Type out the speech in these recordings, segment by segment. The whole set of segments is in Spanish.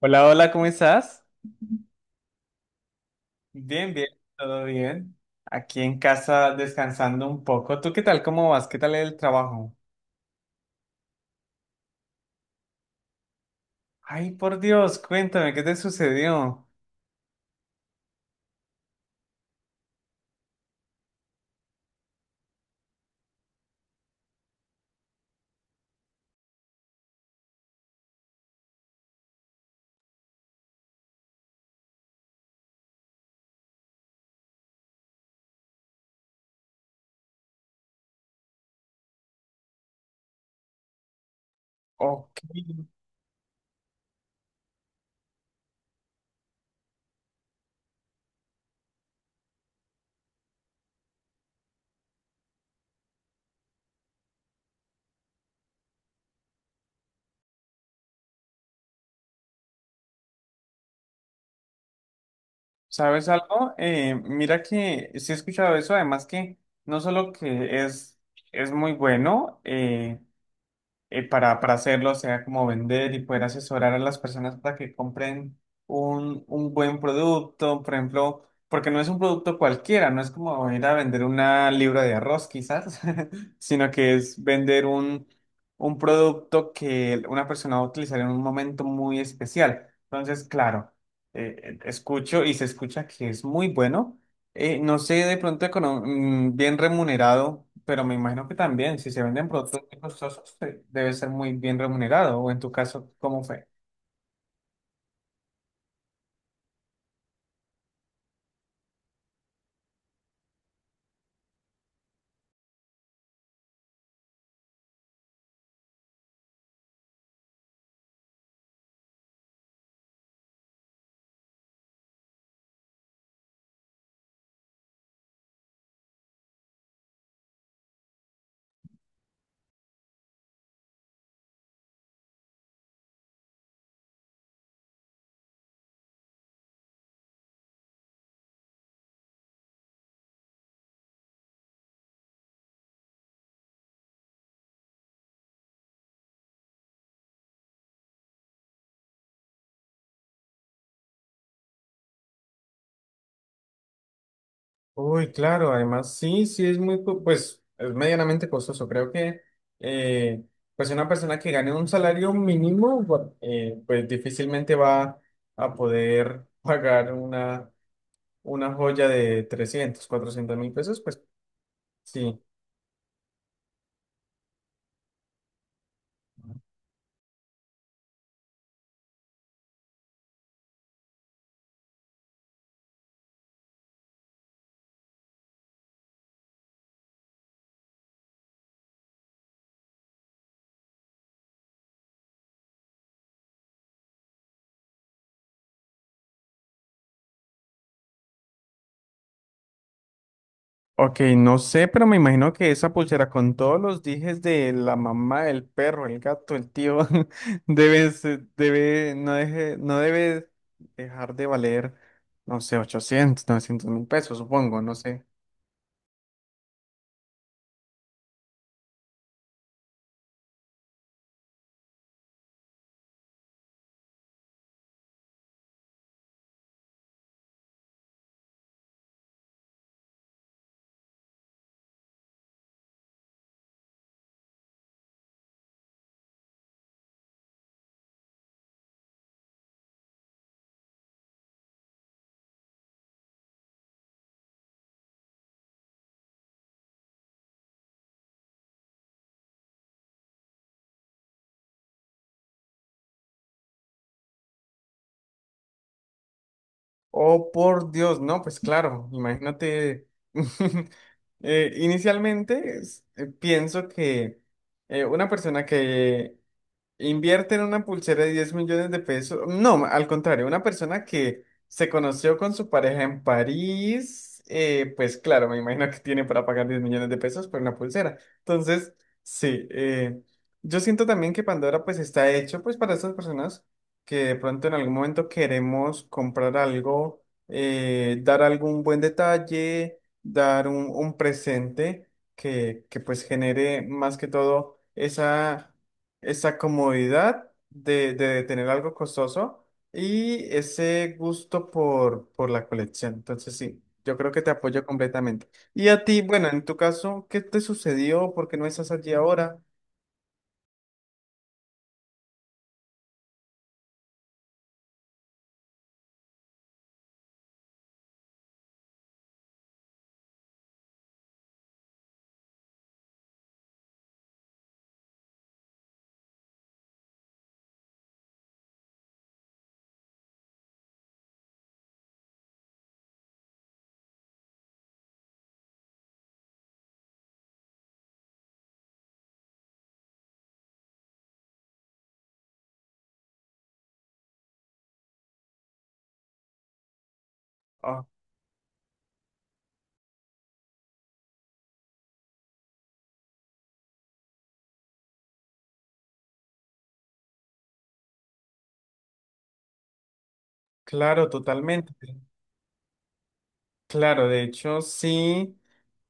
Hola, hola, ¿cómo estás? Bien, bien, todo bien. Aquí en casa descansando un poco. ¿Tú qué tal? ¿Cómo vas? ¿Qué tal el trabajo? Ay, por Dios, cuéntame, ¿qué te sucedió? Ok, ¿sabes algo? Mira que sí he escuchado eso, además que no solo que es muy bueno, para hacerlo, o sea, como vender y poder asesorar a las personas para que compren un buen producto, por ejemplo, porque no es un producto cualquiera, no es como ir a vender una libra de arroz quizás, sino que es vender un producto que una persona va a utilizar en un momento muy especial. Entonces, claro, escucho y se escucha que es muy bueno. No sé de pronto bien remunerado, pero me imagino que también, si se venden productos muy costosos, debe ser muy bien remunerado, o en tu caso, ¿cómo fue? Uy, claro, además sí, sí es pues es medianamente costoso. Creo que, eh, pues una persona que gane un salario mínimo, pues difícilmente va a poder pagar una joya de 300.000 400.000 pesos, pues sí. Ok, no sé, pero me imagino que esa pulsera con todos los dijes de la mamá, el perro, el gato, el tío, no deje, no debe dejar de valer, no sé, 800.000 900.000 pesos, supongo, no sé. Oh, por Dios, no, pues claro, imagínate. Inicialmente pienso que una persona que invierte en una pulsera de 10 millones de pesos. No, al contrario, una persona que se conoció con su pareja en París, pues claro, me imagino que tiene para pagar 10 millones de pesos por una pulsera. Entonces, sí, yo siento también que Pandora pues está hecho pues para estas personas que de pronto en algún momento queremos comprar algo, dar algún buen detalle, dar un presente que pues genere más que todo esa comodidad de tener algo costoso y ese gusto por la colección. Entonces, sí, yo creo que te apoyo completamente. Y a ti, bueno, en tu caso, ¿qué te sucedió? ¿Por qué no estás allí ahora? Ah, claro, totalmente. Claro, de hecho sí,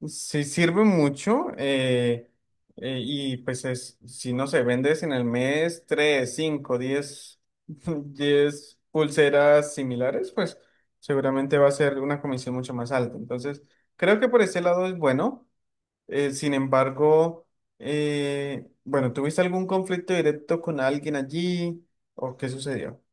sí sirve mucho y pues es, si no se vendes en el mes 3, 5, 10, 10 pulseras similares, pues seguramente va a ser una comisión mucho más alta. Entonces, creo que por ese lado es bueno. Sin embargo, bueno, ¿tuviste algún conflicto directo con alguien allí o qué sucedió?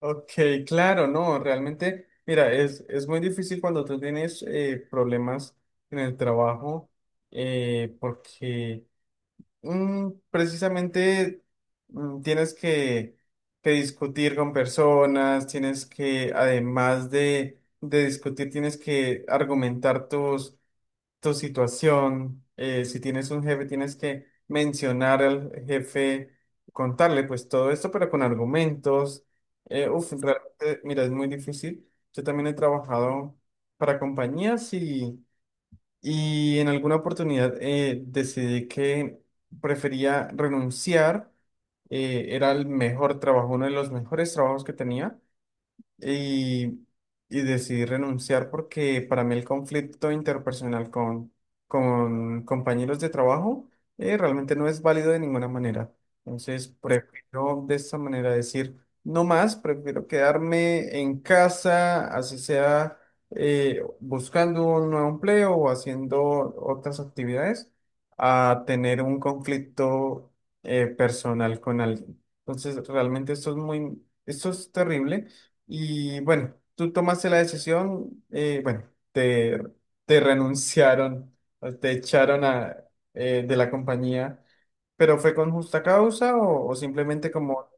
Ok, claro, no, realmente, mira, es muy difícil cuando tú tienes problemas en el trabajo, porque precisamente tienes que discutir con personas, tienes que, además de discutir, tienes que argumentar tu situación, si tienes un jefe, tienes que mencionar al jefe, contarle pues todo esto, pero con argumentos. Uf, realmente, mira, es muy difícil. Yo también he trabajado para compañías y en alguna oportunidad decidí que prefería renunciar. Era el mejor trabajo, uno de los mejores trabajos que tenía y, y decidí renunciar porque para mí el conflicto interpersonal con compañeros de trabajo realmente no es válido de ninguna manera. Entonces, prefiero de esta manera decir, no más, prefiero quedarme en casa, así sea buscando un nuevo empleo o haciendo otras actividades, a tener un conflicto personal con alguien. Entonces, realmente esto es terrible. Y bueno, tú tomaste la decisión, bueno, te, te renunciaron, o te echaron de la compañía, pero ¿fue con justa causa o simplemente como,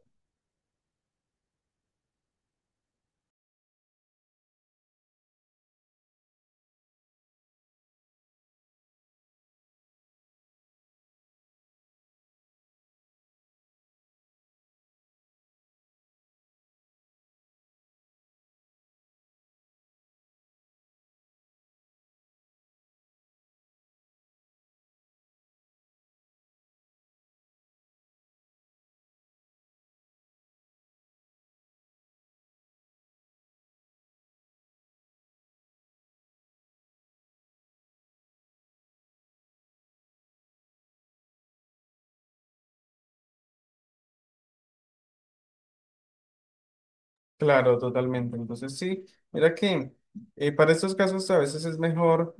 claro, totalmente? Entonces sí, mira que para estos casos a veces es mejor,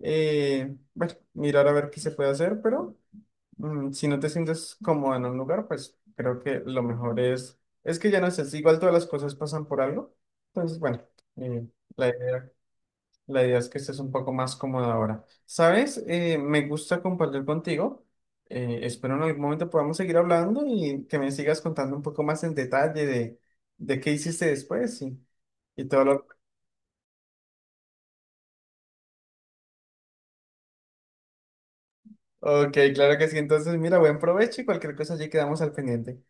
bueno, mirar a ver qué se puede hacer, pero... Si no te sientes cómodo en un lugar, pues creo que lo mejor es que ya no sé, si igual todas las cosas pasan por algo. Entonces, bueno, eh, la idea, la idea es que estés un poco más cómodo ahora. ¿Sabes? Me gusta compartir contigo. Espero en algún momento podamos seguir hablando y que me sigas contando un poco más en detalle de qué hiciste después y todo lo... Ok, claro que sí. Entonces, mira, buen provecho y cualquier cosa allí quedamos al pendiente.